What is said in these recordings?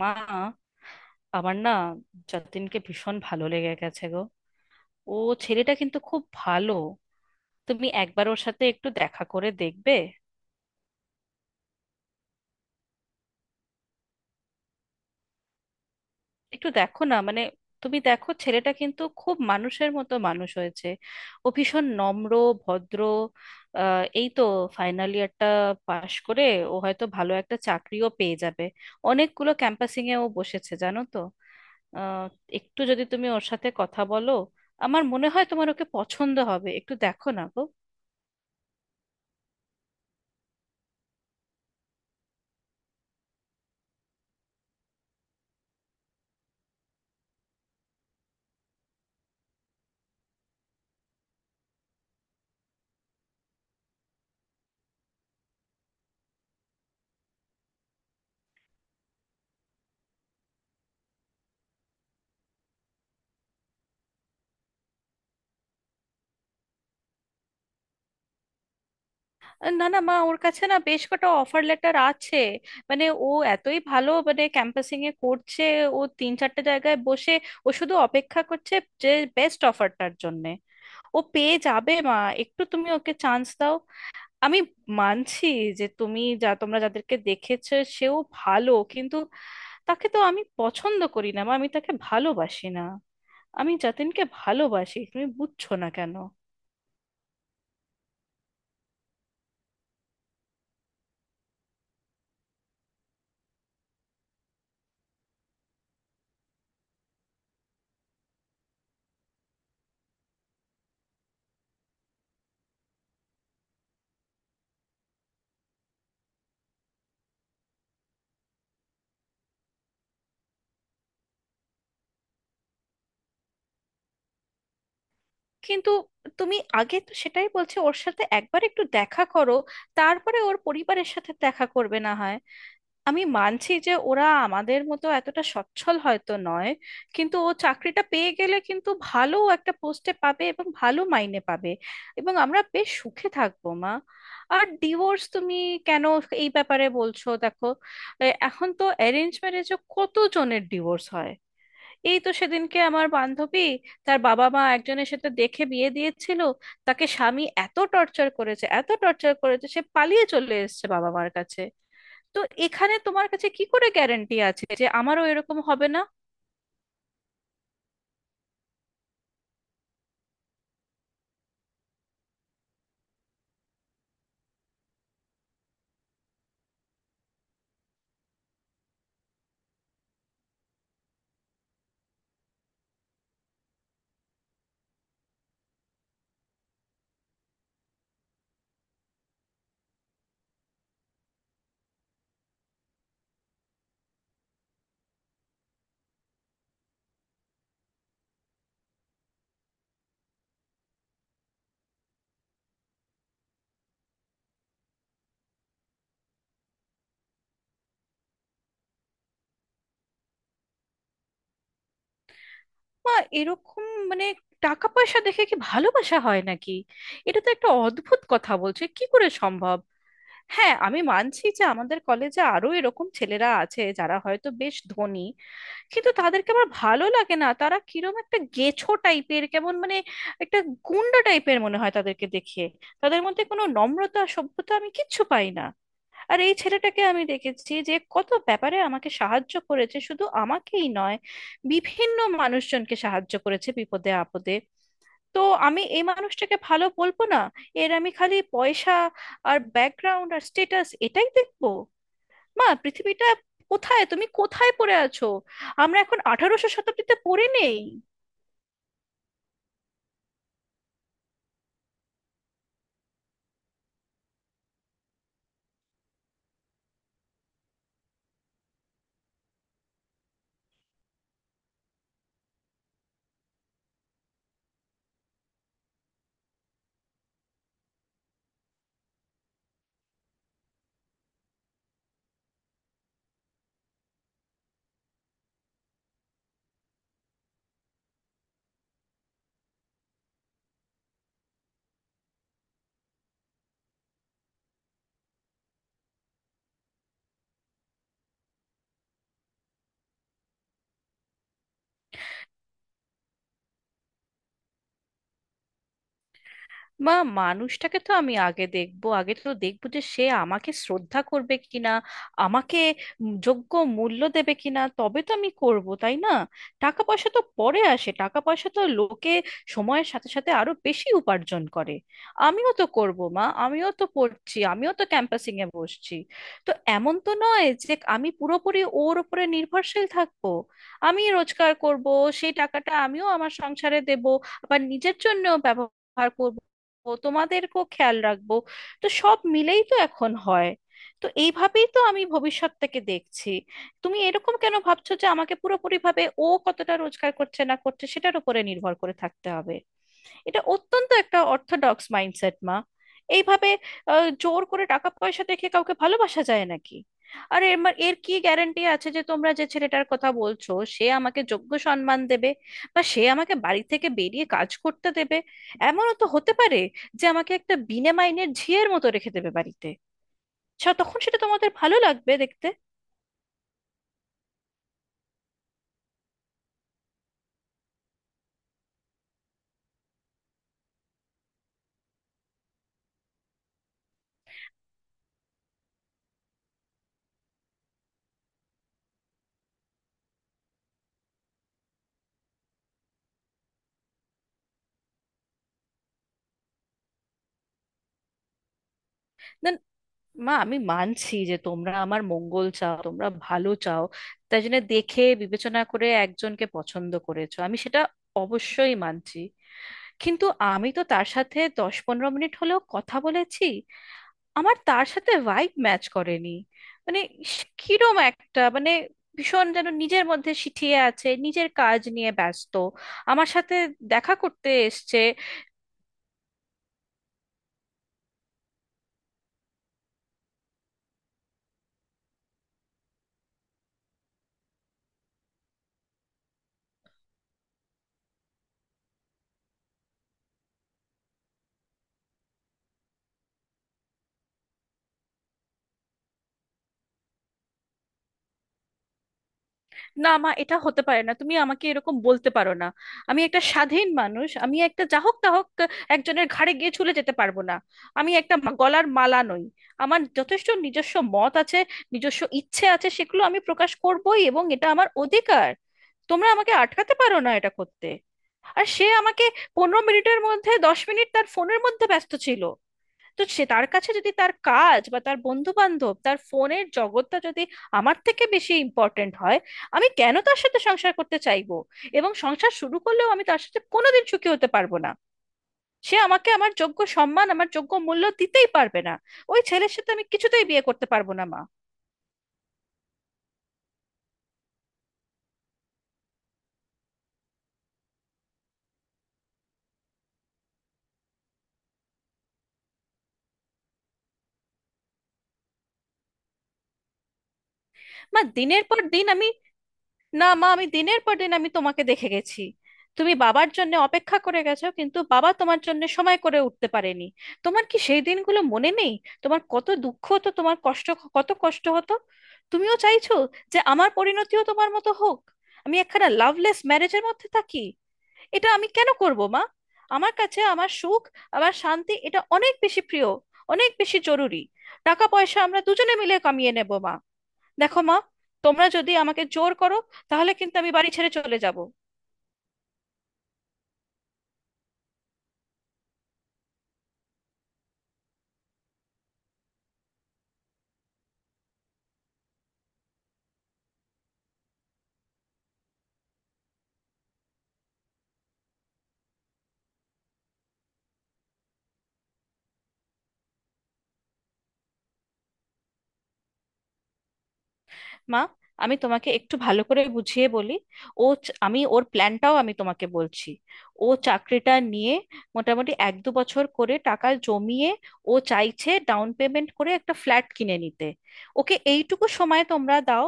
মা, আমার না যতীনকে ভীষণ ভালো লেগে গেছে গো। ও ছেলেটা কিন্তু খুব ভালো, তুমি একবার ওর সাথে একটু দেখা করে দেখবে? একটু দেখো না, মানে তুমি দেখো, ছেলেটা কিন্তু খুব মানুষের মতো মানুষ হয়েছে। ও ভীষণ নম্র, ভদ্র। এই তো ফাইনাল ইয়ারটা পাশ করে ও হয়তো ভালো একটা চাকরিও পেয়ে যাবে। অনেকগুলো ক্যাম্পাসিং এ ও বসেছে জানো তো। আহ, একটু যদি তুমি ওর সাথে কথা বলো, আমার মনে হয় তোমার ওকে পছন্দ হবে, একটু দেখো না গো। না না মা, ওর কাছে না বেশ কটা অফার লেটার আছে, মানে ও এতই ভালো, মানে ক্যাম্পাসিং এ করছে, ও 3-4টে জায়গায় বসে, ও শুধু অপেক্ষা করছে যে বেস্ট অফারটার জন্যে। ও পেয়ে যাবে মা, একটু তুমি ওকে চান্স দাও। আমি মানছি যে তুমি যা, তোমরা যাদেরকে দেখেছো সেও ভালো, কিন্তু তাকে তো আমি পছন্দ করি না মা, আমি তাকে ভালোবাসি না, আমি যতীনকে ভালোবাসি, তুমি বুঝছো না কেন? কিন্তু তুমি আগে তো সেটাই বলছো, ওর সাথে একবার একটু দেখা করো, তারপরে ওর পরিবারের সাথে দেখা করবে না হয়। আমি মানছি যে ওরা আমাদের মতো এতটা সচ্ছল হয়তো নয়, কিন্তু ও চাকরিটা পেয়ে গেলে কিন্তু ভালো একটা পোস্টে পাবে এবং ভালো মাইনে পাবে, এবং আমরা বেশ সুখে থাকবো মা। আর ডিভোর্স তুমি কেন এই ব্যাপারে বলছো, দেখো এখন তো অ্যারেঞ্জ ম্যারেজও কত জনের ডিভোর্স হয়। এই তো সেদিনকে আমার বান্ধবী, তার বাবা মা একজনের সাথে দেখে বিয়ে দিয়েছিল, তাকে স্বামী এত টর্চার করেছে, এত টর্চার করেছে, সে পালিয়ে চলে এসেছে বাবা মার কাছে। তো এখানে তোমার কাছে কি করে গ্যারান্টি আছে যে আমারও এরকম হবে না? মা এরকম, মানে টাকা পয়সা দেখে কি ভালোবাসা হয় নাকি? এটা তো একটা অদ্ভুত কথা, বলছে কি করে সম্ভব! হ্যাঁ আমি মানছি যে আমাদের কলেজে আরো এরকম ছেলেরা আছে যারা হয়তো বেশ ধনী, কিন্তু তাদেরকে আমার ভালো লাগে না, তারা কিরম একটা গেছো টাইপের, কেমন মানে একটা গুন্ডা টাইপের মনে হয় তাদেরকে দেখে, তাদের মধ্যে কোনো নম্রতা সভ্যতা আমি কিচ্ছু পাই না। আর এই ছেলেটাকে আমি দেখেছি, যে কত ব্যাপারে আমাকে সাহায্য করেছে, শুধু আমাকেই নয়, বিভিন্ন মানুষজনকে সাহায্য করেছে বিপদে আপদে। তো আমি এই মানুষটাকে ভালো বলবো না? এর আমি খালি পয়সা আর ব্যাকগ্রাউন্ড আর স্টেটাস এটাই দেখবো? মা পৃথিবীটা কোথায়, তুমি কোথায় পড়ে আছো, আমরা এখন 1800 শতাব্দীতে পড়ে নেই। বা মানুষটাকে তো আমি আগে দেখবো, আগে তো দেখবো যে সে আমাকে শ্রদ্ধা করবে কিনা, আমাকে যোগ্য মূল্য দেবে কিনা, তবে তো আমি করব তাই না? টাকা পয়সা তো পরে আসে, টাকা পয়সা তো লোকে সময়ের সাথে সাথে আরো বেশি উপার্জন করে। আমিও তো করব মা, আমিও তো পড়ছি, আমিও তো ক্যাম্পাসিং এ বসছি। তো এমন তো নয় যে আমি পুরোপুরি ওর উপরে নির্ভরশীল থাকবো। আমি রোজগার করব, সেই টাকাটা আমিও আমার সংসারে দেব, আবার নিজের জন্য ব্যবহার করব, তোমাদেরকেও খেয়াল রাখবো। তো সব মিলেই তো এখন হয়, তো এইভাবেই তো আমি ভবিষ্যৎটাকে দেখছি। তুমি এরকম কেন ভাবছো যে আমাকে পুরোপুরিভাবে ও কতটা রোজগার করছে না করছে সেটার উপরে নির্ভর করে থাকতে হবে? এটা অত্যন্ত একটা অর্থোডক্স মাইন্ডসেট মা। এইভাবে জোর করে টাকা পয়সা দেখে কাউকে ভালোবাসা যায় নাকি? আর এর এর কি গ্যারান্টি আছে যে তোমরা যে ছেলেটার কথা বলছো সে আমাকে যোগ্য সম্মান দেবে, বা সে আমাকে বাড়ি থেকে বেরিয়ে কাজ করতে দেবে? এমনও তো হতে পারে যে আমাকে একটা বিনা মাইনের ঝিয়ের মতো রেখে দেবে বাড়িতে, তখন সেটা তোমাদের ভালো লাগবে দেখতে? মা আমি মানছি যে তোমরা আমার মঙ্গল চাও, তোমরা ভালো চাও, তাই জন্য দেখে বিবেচনা করে একজনকে পছন্দ করেছো, আমি সেটা অবশ্যই মানছি। কিন্তু আমি তো তার সাথে 10-15 মিনিট হলেও কথা বলেছি, আমার তার সাথে ভাইব ম্যাচ করেনি। মানে সে কিরম একটা, মানে ভীষণ যেন নিজের মধ্যে সিঁটিয়ে আছে, নিজের কাজ নিয়ে ব্যস্ত। আমার সাথে দেখা করতে এসছে। না মা, এটা হতে পারে না, তুমি আমাকে এরকম বলতে পারো না। আমি একটা স্বাধীন মানুষ, আমি একটা যা হোক তা হোক একজনের ঘাড়ে গিয়ে ঝুলে যেতে পারবো না, আমি একটা গলার মালা নই। আমার যথেষ্ট নিজস্ব মত আছে, নিজস্ব ইচ্ছে আছে, সেগুলো আমি প্রকাশ করবোই, এবং এটা আমার অধিকার, তোমরা আমাকে আটকাতে পারো না এটা করতে। আর সে আমাকে 15 মিনিটের মধ্যে 10 মিনিট তার ফোনের মধ্যে ব্যস্ত ছিল। তো সে, তার কাছে যদি তার কাজ বা তার বন্ধু বান্ধব, তার ফোনের জগৎটা যদি আমার থেকে বেশি ইম্পর্ট্যান্ট হয়, আমি কেন তার সাথে সংসার করতে চাইবো? এবং সংসার শুরু করলেও আমি তার সাথে কোনোদিন সুখী হতে পারবো না, সে আমাকে আমার যোগ্য সম্মান, আমার যোগ্য মূল্য দিতেই পারবে না। ওই ছেলের সাথে আমি কিছুতেই বিয়ে করতে পারবো না মা। মা দিনের পর দিন আমি, না মা আমি দিনের পর দিন আমি তোমাকে দেখে গেছি, তুমি বাবার জন্য অপেক্ষা করে গেছো, কিন্তু বাবা তোমার জন্য সময় করে উঠতে পারেনি। তোমার কি সেই দিনগুলো মনে নেই? তোমার কত দুঃখ হতো, তোমার কষ্ট, কত কষ্ট হতো। তুমিও চাইছো যে আমার পরিণতিও তোমার মতো হোক, আমি একখানা লাভলেস ম্যারেজের মধ্যে থাকি? এটা আমি কেন করব মা? আমার কাছে আমার সুখ, আমার শান্তি, এটা অনেক বেশি প্রিয়, অনেক বেশি জরুরি। টাকা পয়সা আমরা দুজনে মিলে কামিয়ে নেব মা। দেখো মা, তোমরা যদি আমাকে জোর করো, তাহলে কিন্তু আমি বাড়ি ছেড়ে চলে যাব। মা আমি তোমাকে একটু ভালো করে বুঝিয়ে বলি। আমি ওর প্ল্যানটাও আমি তোমাকে বলছি। ও চাকরিটা নিয়ে মোটামুটি 1-2 বছর করে টাকা জমিয়ে ও চাইছে ডাউন পেমেন্ট করে একটা ফ্ল্যাট কিনে নিতে। ওকে এইটুকু সময় তোমরা দাও,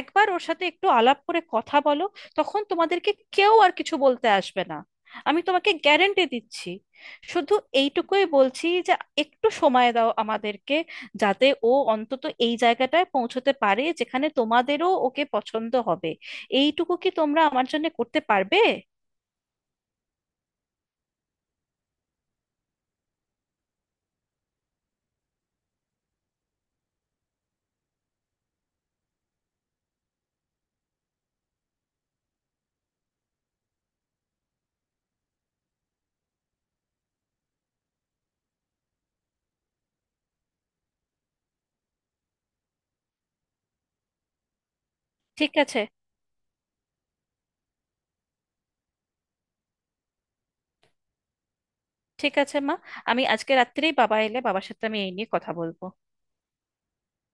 একবার ওর সাথে একটু আলাপ করে কথা বলো, তখন তোমাদেরকে কেউ আর কিছু বলতে আসবে না, আমি তোমাকে গ্যারেন্টি দিচ্ছি। শুধু এইটুকুই বলছি যে একটু সময় দাও আমাদেরকে, যাতে ও অন্তত এই জায়গাটায় পৌঁছতে পারে যেখানে তোমাদেরও ওকে পছন্দ হবে। এইটুকু কি তোমরা আমার জন্য করতে পারবে? ঠিক আছে, ঠিক আছে মা, আমি আজকে রাত্রেই বাবা এলে বাবার সাথে আমি এই নিয়ে কথা বলবো।